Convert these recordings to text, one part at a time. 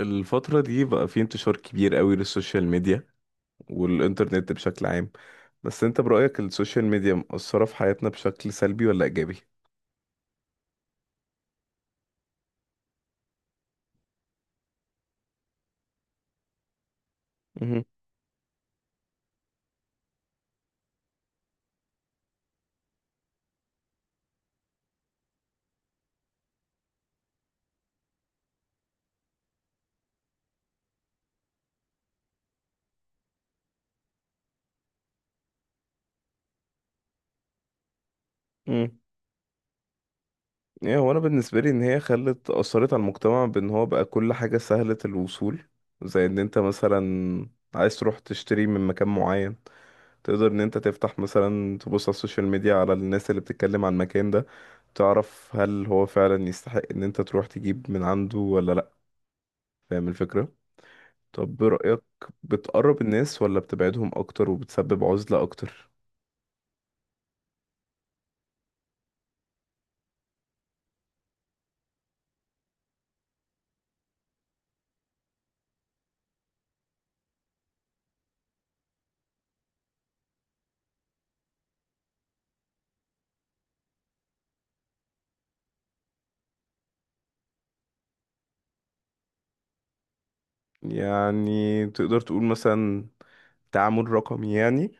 الفترة دي بقى في انتشار كبير قوي للسوشيال ميديا والإنترنت بشكل عام. بس انت برأيك السوشيال ميديا مأثرة في حياتنا بشكل سلبي ولا إيجابي؟ مهم. مم. يعني هو أنا بالنسبة لي إن هي خلت أثرت على المجتمع بإن هو بقى كل حاجة سهلة الوصول، زي إن أنت مثلا عايز تروح تشتري من مكان معين، تقدر إن أنت تفتح مثلا تبص على السوشيال ميديا على الناس اللي بتتكلم عن المكان ده، تعرف هل هو فعلا يستحق إن أنت تروح تجيب من عنده ولا لأ. فاهم الفكرة؟ طب برأيك بتقرب الناس ولا بتبعدهم أكتر وبتسبب عزلة أكتر؟ يعني تقدر تقول مثلا تعامل رقمي يعني.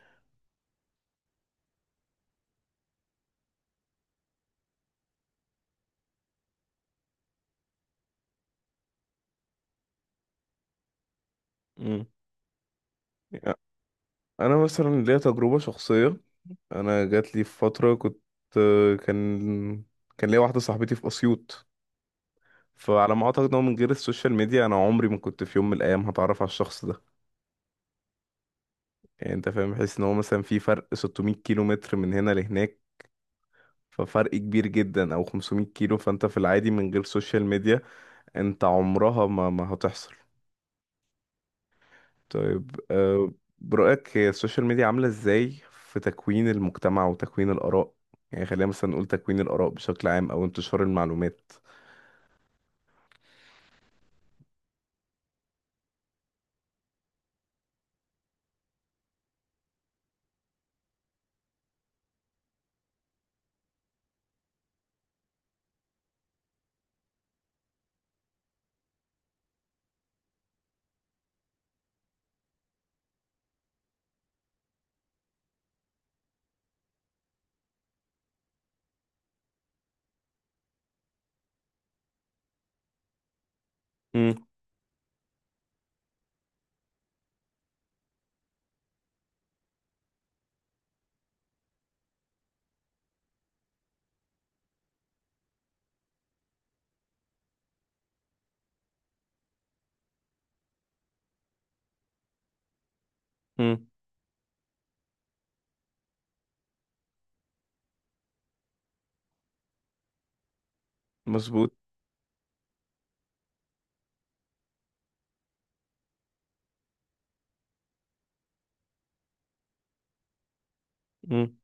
مم. أنا مثلا ليا تجربة شخصية. أنا جات لي في فترة كنت كان كان ليا واحدة صاحبتي في أسيوط، فعلى ما أعتقد إن هو من غير السوشيال ميديا أنا عمري ما كنت في يوم من الأيام هتعرف على الشخص ده. يعني أنت فاهم بحيث إن هو مثلا في فرق 600 كيلو متر من هنا لهناك، ففرق كبير جدا أو 500 كيلو، فأنت في العادي من غير سوشيال ميديا انت عمرها ما هتحصل. طيب، برأيك هي السوشيال ميديا عاملة ازاي في تكوين المجتمع وتكوين الآراء؟ يعني خلينا مثلا نقول تكوين الآراء بشكل عام او انتشار المعلومات. مم، مم، مظبوط. مم.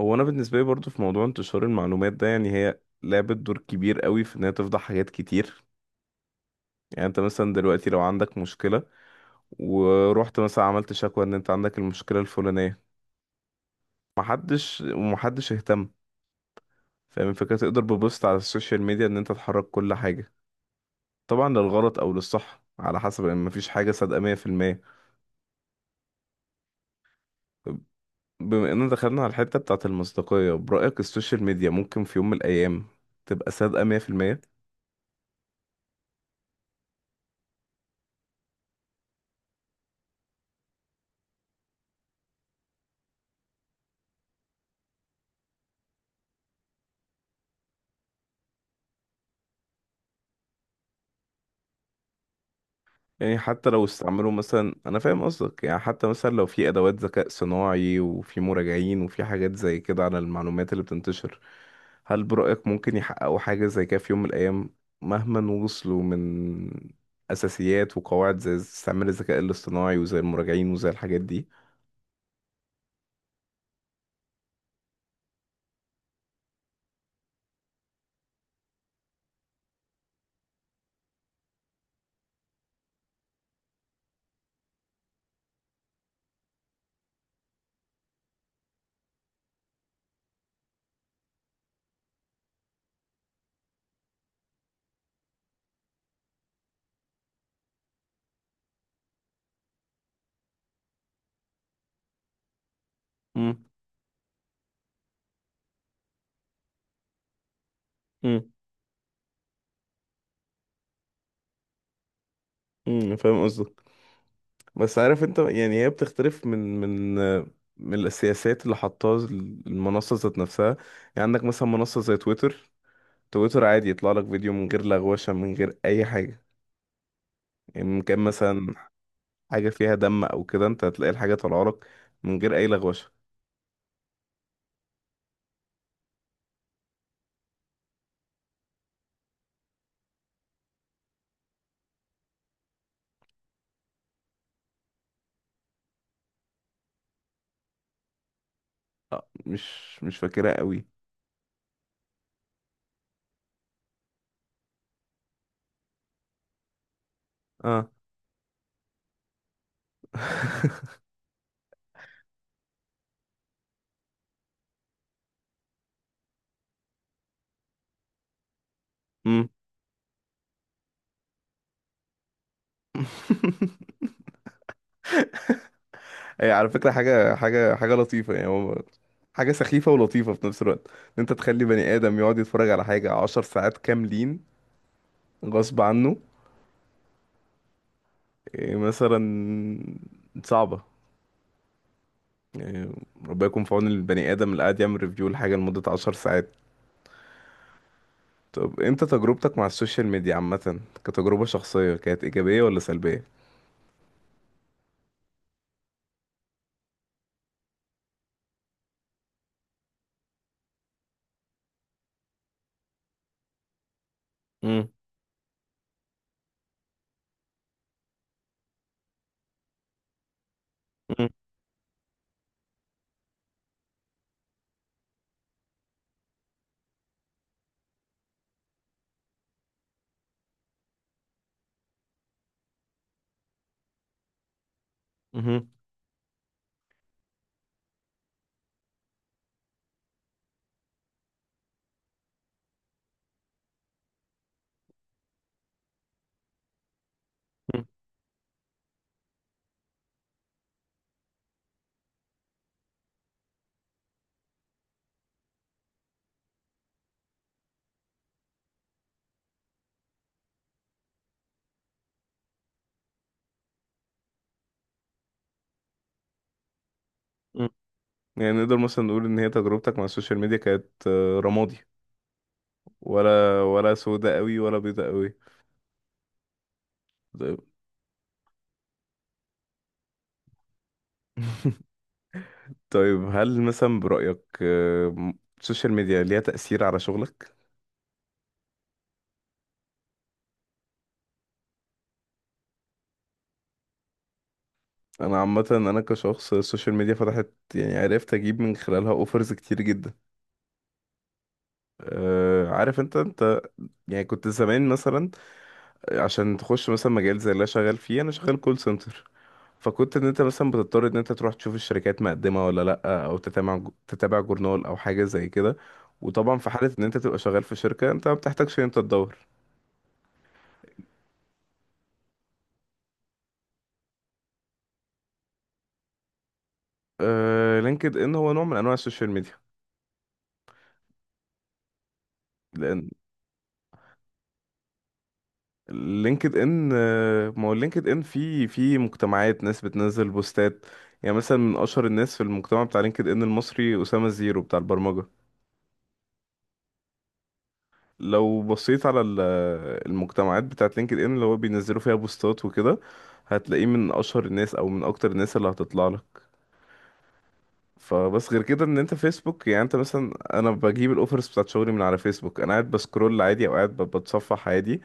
هو انا بالنسبة لي برضو في موضوع انتشار المعلومات ده، يعني هي لعبت دور كبير قوي في انها تفضح حاجات كتير. يعني انت مثلا دلوقتي لو عندك مشكلة، ورحت مثلا عملت شكوى ان انت عندك المشكلة الفلانية، محدش ومحدش اهتم. فاهم الفكرة؟ تقدر ببوست على السوشيال ميديا ان انت تحرك كل حاجة، طبعا للغلط او للصح، على حسب ان مفيش حاجة صادقة 100%. بما اننا دخلنا على الحتة بتاعة المصداقية، برأيك السوشيال ميديا ممكن في يوم من الايام تبقى صادقة 100%؟ يعني حتى لو استعملوا مثلا، انا فاهم قصدك، يعني حتى مثلا لو في ادوات ذكاء صناعي وفي مراجعين وفي حاجات زي كده على المعلومات اللي بتنتشر، هل برأيك ممكن يحققوا حاجة زي كده في يوم من الايام؟ مهما وصلوا من اساسيات وقواعد زي استعمال الذكاء الاصطناعي وزي المراجعين وزي الحاجات دي. امم امم فاهم قصدك. بس عارف انت، يعني هي بتختلف من السياسات اللي حطاها المنصة ذات نفسها. يعني عندك مثلا منصة زي تويتر عادي يطلع لك فيديو من غير لغوشة، من غير أي حاجة. يعني من كان مثلا حاجة فيها دم أو كده، أنت هتلاقي الحاجة طالعة لك من غير أي لغوشة. آه، مش فاكرها قوي. اه. امم. هي على فكرة حاجة لطيفة، يعني هو حاجة سخيفة ولطيفة في نفس الوقت، إن أنت تخلي بني آدم يقعد يتفرج على حاجة عشر ساعات كاملين غصب عنه. إيه مثلا؟ صعبة يعني. ربنا يكون في عون البني آدم اللي قاعد يعمل ريفيو لحاجة لمدة عشر ساعات. طب انت تجربتك مع السوشيال ميديا عامة كتجربة شخصية كانت ايجابية ولا سلبية؟ مم. مم. مم. مم. مم. يعني نقدر مثلا نقول ان هي تجربتك مع السوشيال ميديا كانت، رمادي، ولا سودة قوي ولا بيضة قوي؟ طيب. طيب، هل مثلا برأيك، السوشيال ميديا ليها تأثير على شغلك؟ انا عامة انا كشخص السوشيال ميديا فتحت، يعني عرفت اجيب من خلالها اوفرز كتير جدا. أه، عارف انت انت، يعني كنت زمان مثلا عشان تخش مثلا مجال زي اللي أنا شغال فيه، انا شغال كول سنتر، فكنت ان انت مثلا بتضطر ان انت تروح تشوف الشركات مقدمه ولا لا، او تتابع جورنال او حاجه زي كده. وطبعا في حاله ان انت تبقى شغال في شركه انت ما بتحتاجش ان انت تدور. آه، لينكد ان هو نوع من انواع السوشيال ميديا. لان لينكد ان، ما هو لينكد ان في مجتمعات ناس بتنزل بوستات. يعني مثلا من اشهر الناس في المجتمع بتاع لينكد ان المصري اسامه زيرو بتاع البرمجه. لو بصيت على المجتمعات بتاعت لينكد ان اللي هو بينزلوا فيها بوستات وكده، هتلاقيه من اشهر الناس او من اكتر الناس اللي هتطلع لك. فبس غير كده ان انت فيسبوك، يعني انت مثلا، انا بجيب الاوفرز بتاعت شغلي من على فيسبوك. انا قاعد بسكرول عادي او قاعد بتصفح عادي،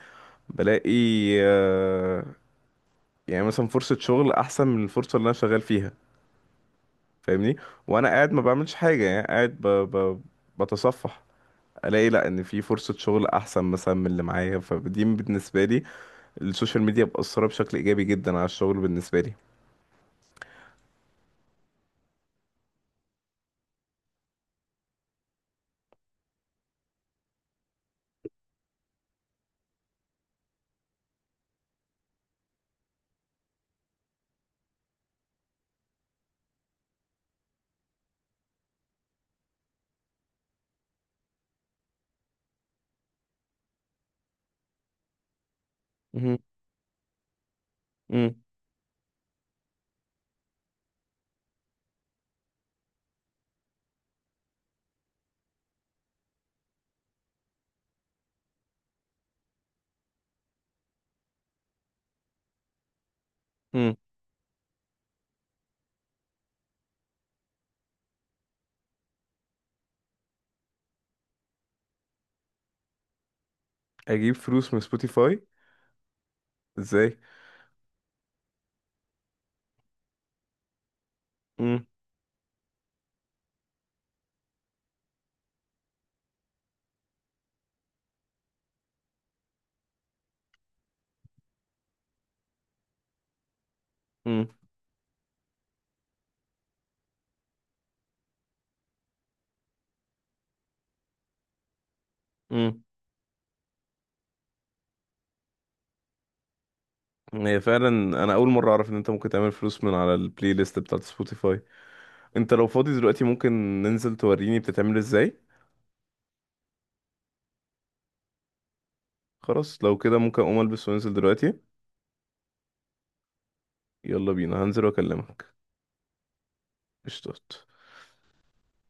بلاقي، آه، يعني مثلا فرصة شغل احسن من الفرصة اللي انا شغال فيها. فاهمني؟ وانا قاعد ما بعملش حاجة، يعني قاعد ب... بتصفح، الاقي لا ان في فرصة شغل احسن مثلا من اللي معايا. فدي بالنسبة لي السوشيال ميديا مأثرة بشكل إيجابي جدا على الشغل بالنسبة لي. مهم. مم. مم. أجيب فلوس من سبوتيفاي؟ إزاي؟ مم. مم. مم. هي فعلا. أنا أول مرة أعرف إن أنت ممكن تعمل فلوس من على البلاي ليست بتاعت سبوتيفاي. أنت لو فاضي دلوقتي ممكن ننزل توريني بتتعمل إزاي؟ خلاص لو كده ممكن أقوم ألبس وأنزل دلوقتي. يلا بينا هنزل وأكلمك. قشطات.